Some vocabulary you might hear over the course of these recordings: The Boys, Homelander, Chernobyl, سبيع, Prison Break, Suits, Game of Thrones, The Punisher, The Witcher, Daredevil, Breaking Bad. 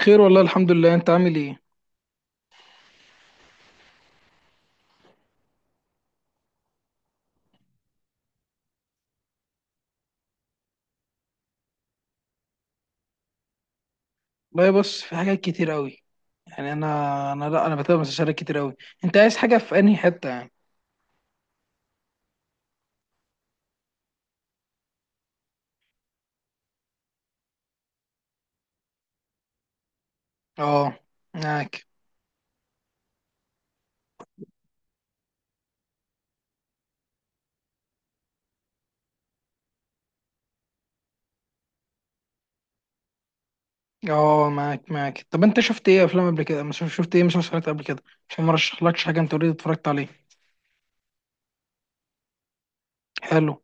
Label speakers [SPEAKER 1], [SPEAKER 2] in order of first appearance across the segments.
[SPEAKER 1] خير والله الحمد لله. انت عامل ايه؟ والله بص، في حاجات كتير قوي. يعني انا لا انا بتابع مسلسلات كتير قوي. انت عايز حاجه في انهي حته يعني؟ اه، معاك. اه معاك معاك. طب انت شفت ايه افلام قبل كده؟ مش شفت ايه مسلسلات قبل كده عشان ما رشحلكش حاجه انت اوريدي اتفرجت عليه؟ حلو.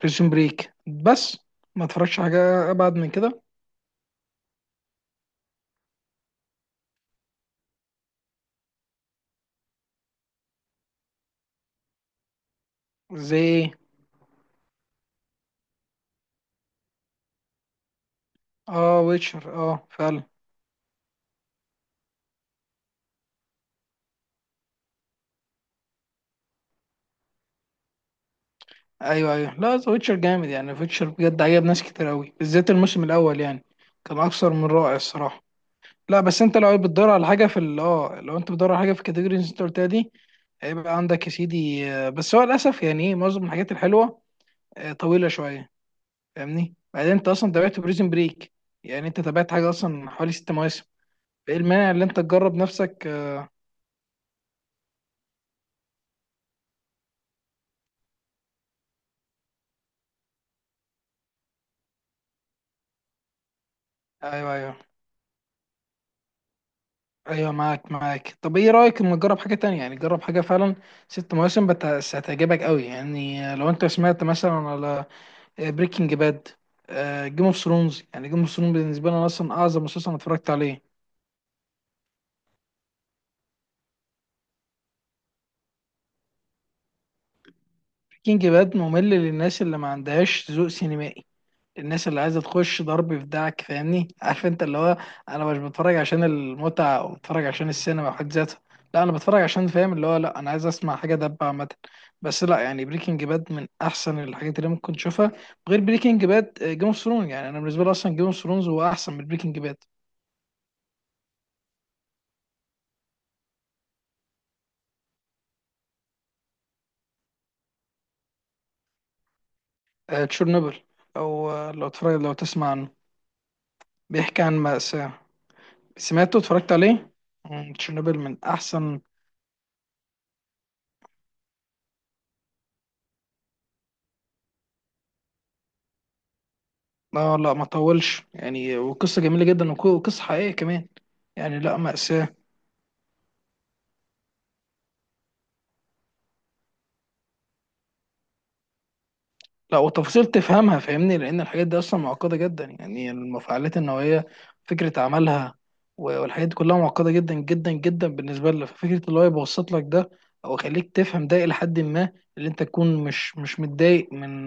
[SPEAKER 1] بريزون بريك بس، ما اتفرجش حاجه ابعد من كده. زي ايه؟ اه، ويتشر، اه فعلا. ايوه ايوه، لا ذا ويتشر جامد يعني، ويتشر بجد عجب ناس كتير قوي بالذات الموسم الاول يعني. كان اكثر من رائع الصراحه. لا بس انت لو بتدور على حاجه في لو انت بتدور على حاجه في الكاتيجوريز اللي انت قلتها دي، هيبقى عندك يا سيدي. بس هو للاسف يعني ايه معظم الحاجات الحلوه طويله شويه فاهمني. بعدين انت اصلا تابعت بريزن بريك؟ يعني انت تابعت حاجه اصلا حوالي 6 مواسم. ايه المانع اللي انت تجرب نفسك؟ ايوه ايوه. ايوه معاك معاك. طب ايه رايك اما تجرب حاجه تانية؟ يعني جرب حاجه فعلا 6 مواسم بس هتعجبك قوي يعني. لو انت سمعت مثلا على بريكنج باد، جيم اوف ثرونز. يعني جيم اوف ثرونز بالنسبه لي انا اصلا اعظم مسلسل انا اتفرجت عليه. كينج باد ممل للناس اللي ما عندهاش ذوق سينمائي، الناس اللي عايزه تخش ضرب في دعك فاهمني، عارف انت اللي هو انا مش بتفرج عشان المتعه، او بتفرج عشان السينما في حد ذاتها. لا، انا بتفرج عشان فاهم اللي هو، لا انا عايز اسمع حاجه دبه عامه. بس لا يعني بريكنج باد من احسن الحاجات اللي ممكن تشوفها، غير بريكنج باد، جيم اوف ثرونز. يعني انا بالنسبه لي اصلا جيم اوف ثرونز هو احسن من بريكنج باد. تشيرنوبل، او لو تفرج، لو تسمع عنه، بيحكي عن مأساة. سمعته، اتفرجت عليه. مم، تشيرنوبل من احسن. لا لا ما طولش يعني، وقصة جميلة جدا وقصة حقيقية كمان. يعني لا، مأساة. لا وتفاصيل تفهمها فاهمني، لأن الحاجات دي أصلا معقدة جدا، يعني المفاعلات النووية، فكرة عملها والحاجات دي كلها معقدة جدا جدا جدا بالنسبة لنا. ففكرة اللي هو يبسط لك ده أو يخليك تفهم ده إلى حد ما، اللي أنت تكون مش متضايق من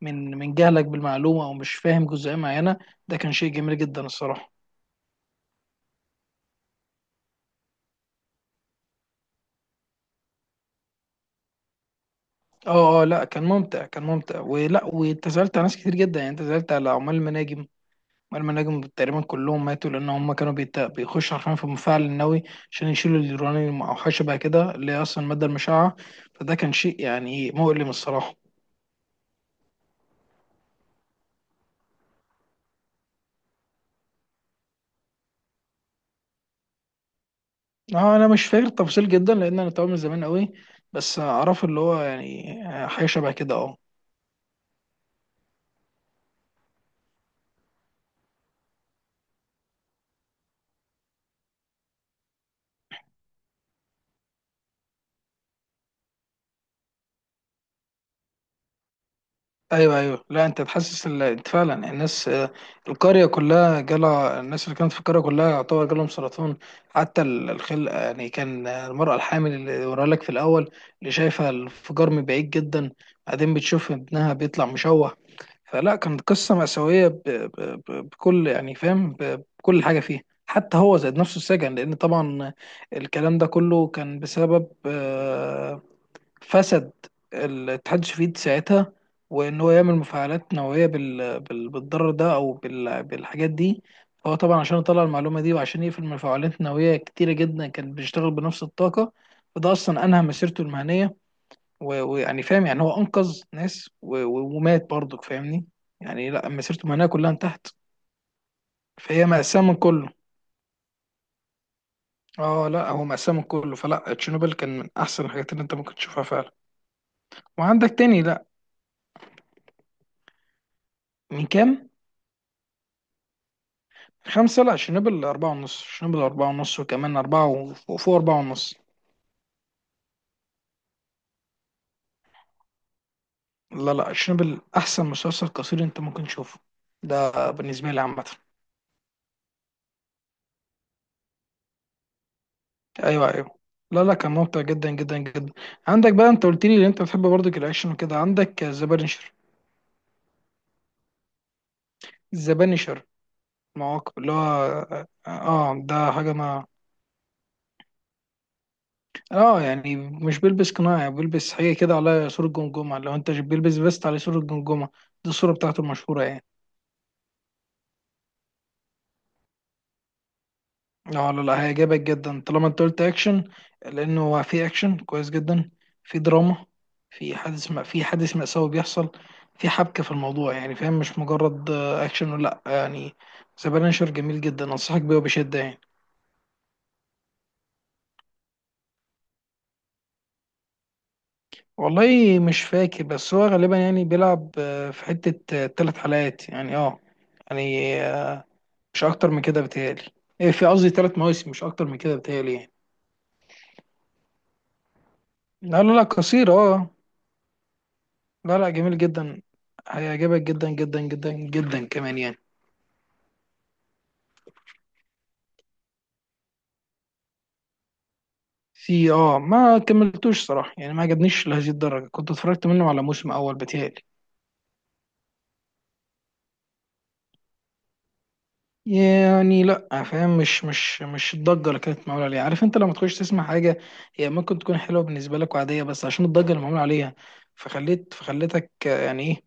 [SPEAKER 1] من جهلك بالمعلومة أو مش فاهم جزئية معينة. ده كان شيء جميل جدا الصراحة. اه اه، لا كان ممتع، كان ممتع، ولا واتزلت على ناس كتير جدا. يعني اتزلت على عمال المناجم، عمال المناجم تقريبا كلهم ماتوا لان هم كانوا بيخشوا حرفيا في المفاعل النووي عشان يشيلوا اليورانيوم او حاجه بقى كده، اللي هي اصلا الماده المشعه. فده كان شيء يعني مؤلم الصراحه. اه، انا مش فاكر التفاصيل جدا لان انا تابعه من زمان قوي، بس اعرف اللي هو يعني حاجه شبه كده، اه. ايوه ايوه، لا انت تحسس انت فعلا الناس. القريه كلها جالها، الناس اللي كانت في القريه كلها يعتبر جالهم سرطان. حتى الخل يعني كان المراه الحامل اللي وراها لك في الاول، اللي شايفه الانفجار من بعيد جدا، بعدين بتشوف ابنها بيطلع مشوه. فلا، كانت قصه مأساويه بكل يعني فاهم بكل حاجه فيها. حتى هو زاد نفسه السجن لان طبعا الكلام ده كله كان بسبب فسد الاتحاد السوفيتي ساعتها، وان هو يعمل مفاعلات نوويه بالضرر ده او بالحاجات دي. فهو طبعا عشان يطلع المعلومه دي وعشان يقفل مفاعلات نوويه كتيره جدا كان بيشتغل بنفس الطاقه. فده اصلا انهى مسيرته المهنيه ويعني فاهم، يعني هو انقذ ناس ومات برضك فاهمني. يعني لا، مسيرته المهنيه كلها انتهت. فهي مأساة من كله. اه، لا هو مأساة من كله. فلا تشيرنوبل كان من احسن الحاجات اللي انت ممكن تشوفها فعلا. وعندك تاني، لا من كام؟ 5؟ لا شنبل 4.5، شنبل أربعة ونص، وكمان أربعة وفوق، فوق أربعة ونص. لا لا، شنبل أحسن مسلسل قصير أنت ممكن تشوفه، ده بالنسبة لي عامة. أيوه أيوه، لا لا كان ممتع جدا جدا جدا. عندك بقى، أنت قلت لي إن أنت بتحب برضك الأكشن وكده، عندك ذا بانشر. ذا بانشر، المواقف اللي هو، اه ده حاجة ما. اه يعني مش بيلبس قناع، يعني بيلبس حاجة كده على صورة جمجمة، لو انت بيلبس فيست على صورة جمجمة، دي الصورة بتاعته المشهورة يعني. اه لا لا، هيعجبك جدا طالما انت قلت اكشن، لانه هو في اكشن كويس جدا، في دراما، في حادث ما، في حادث مأساوي بيحصل، في حبكة في الموضوع يعني فاهم، مش مجرد اكشن ولا لأ، يعني سبانشر جميل جدا انصحك بيه وبشدة يعني. والله مش فاكر، بس هو غالبا يعني بيلعب في حتة 3 حلقات يعني اه. يعني مش اكتر من كده بتهيألي. إيه، في قصدي 3 مواسم، مش اكتر من كده بتهيألي يعني. لا لا لا، قصير اه. لا لا، جميل جدا، هيعجبك جدا جدا جدا جدا كمان يعني. في اه ما كملتوش صراحة، يعني ما عجبنيش لهذه الدرجة، كنت اتفرجت منه على موسم أول بتهيألي. يعني لا فاهم، مش الضجة اللي كانت معمولة عليها. عارف انت لما تخش تسمع حاجة، هي ممكن تكون حلوة بالنسبة لك وعادية، بس عشان الضجة اللي معمولة عليها فخليت، فخليتك يعني ايه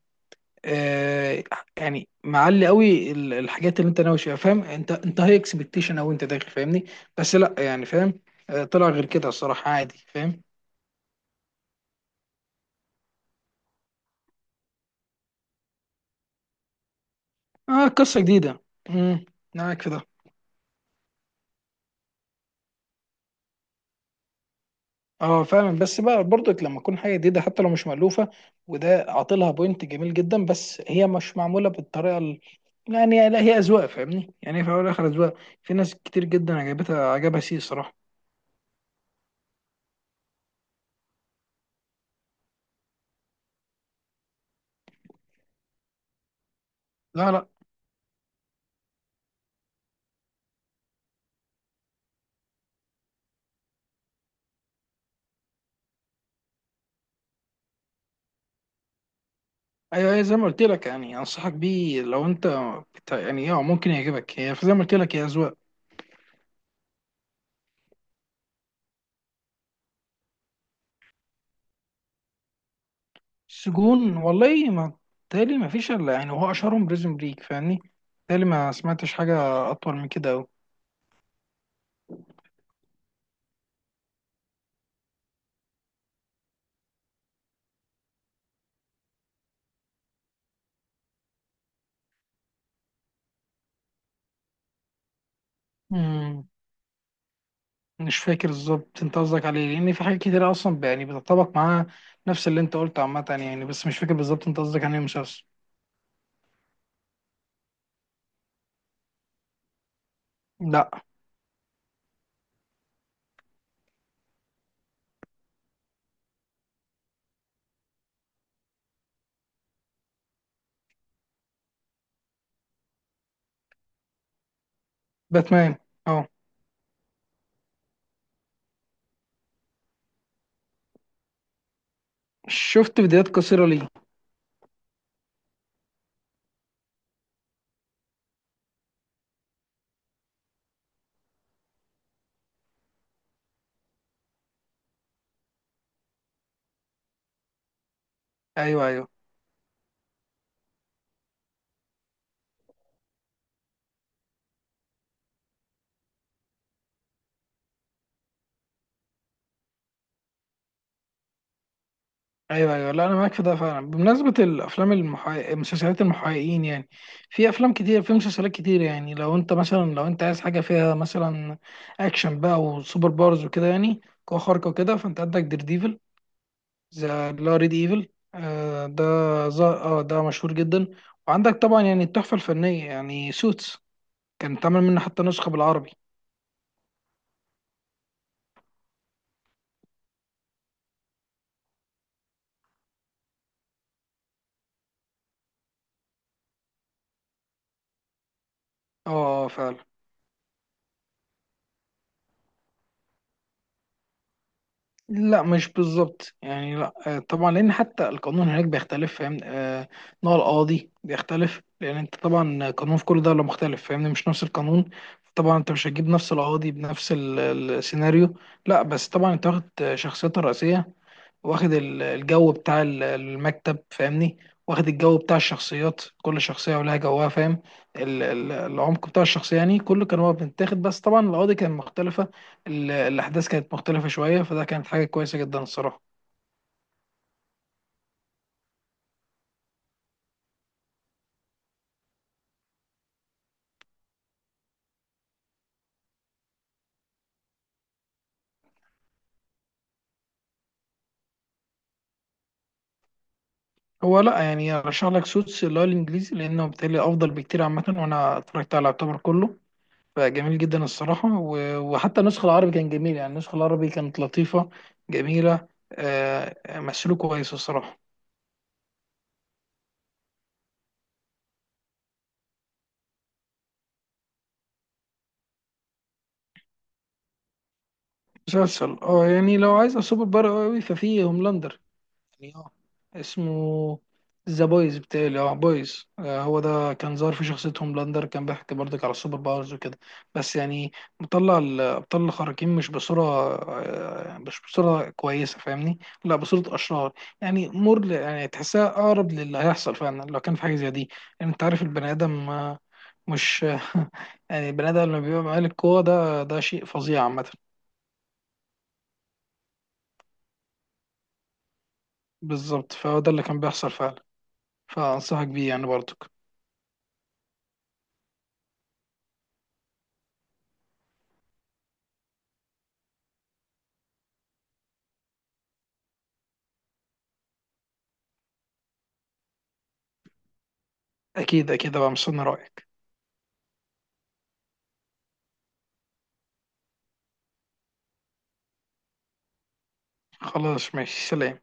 [SPEAKER 1] آه، يعني معلي قوي الحاجات اللي انت ناوي فيها فاهم، انت هاي اكسبكتيشن او انت داخل فاهمني. بس لا يعني فاهم طلع غير كده الصراحه، عادي فاهم. اه قصه جديده. امم معاك في ده. اه فعلا، بس بقى برضك لما تكون حاجه جديده حتى لو مش مألوفه، وده عاطلها بوينت جميل جدا، بس هي مش معموله بالطريقه ال... يعني لا هي اذواق فاهمني، يعني في الاول والاخر اذواق، في ناس كتير جدا عجبتها، عجبها سي صراحه. لا لا. ايوه، هي زي ما قلت لك يعني انصحك بيه لو انت يعني اه ممكن يعجبك، هي زي ما قلت لك هي اذواق. سجون والله ما، تالي ما فيش الا يعني هو اشهرهم بريزون بريك فاهمني، تالي ما سمعتش حاجه اطول من كده أوي. امم مش فاكر بالظبط انت قصدك عليه، لان في حاجات كتير اصلا يعني بتطبق معاها نفس اللي انت قلته عامه يعني. بس مش فاكر بالظبط انت قصدك عن ايه مسلسل. لا باتمان، اه. شفت فيديوهات قصيره ليه؟ ايوه ايوه. ايوه ايوه، لا انا معاك في ده فعلا. بمناسبه الافلام المحقق... مسلسلات المحققين يعني، في افلام كتير في مسلسلات كتير. يعني لو انت مثلا، لو انت عايز حاجه فيها مثلا اكشن بقى وسوبر باورز وكده، يعني قوه خارقه وكده، فانت عندك دير ديفل، ذا اللي هو ريد ايفل، آه ده اه ده مشهور جدا. وعندك طبعا يعني التحفه الفنيه يعني سوتس، كان اتعمل منه حتى نسخه بالعربي. اه فعلا. لا مش بالظبط يعني، لا طبعا لان حتى القانون هناك بيختلف فاهم، نوع القاضي بيختلف لان انت طبعا قانون في كل دوله مختلف فاهمني، مش نفس القانون. طبعا انت مش هتجيب نفس القاضي بنفس السيناريو. لا بس طبعا انت واخد شخصيتها الرئيسيه، واخد الجو بتاع المكتب فاهمني، واخد الجو بتاع الشخصيات، كل شخصية ولها جوها فاهم. العمق بتاع الشخصية يعني كله كان هو بيتاخد، بس طبعا القضية كانت مختلفة، الأحداث كانت مختلفة شوية. فده كانت حاجة كويسة جدا الصراحة. هو لا يعني أرشح لك سوتس اللي هو الإنجليزي، لأنه بالتالي أفضل بكتير عامة، وأنا اتفرجت على يعتبر كله، فجميل جدا الصراحة. وحتى النسخة العربي كان جميل يعني، النسخة العربي كانت لطيفة جميلة، مسلوك كويس الصراحة. مسلسل اه، يعني لو عايز سوبر بار قوي، ففي هوملاندر يعني اه. اسمه ذا بويز بتاعي، اه بويز، آه هو ده كان ظاهر في شخصية هوملاندر، كان بيحكي برضك على السوبر باورز وكده، بس يعني مطلع الأبطال الخارقين مش بصورة آه، مش بصورة كويسة فاهمني، لا بصورة أشرار. يعني مر، يعني تحسها أقرب للي هيحصل فعلا لو كان في حاجة زي دي. يعني أنت عارف البني آدم مش يعني البني آدم لما بيبقى معاه القوة، ده شيء فظيع عامة. بالظبط، فهو ده اللي كان بيحصل فعلا. فأنصحك بيه يعني برضك. أكيد أكيد أبقى مستني رأيك. خلاص ماشي، سلام.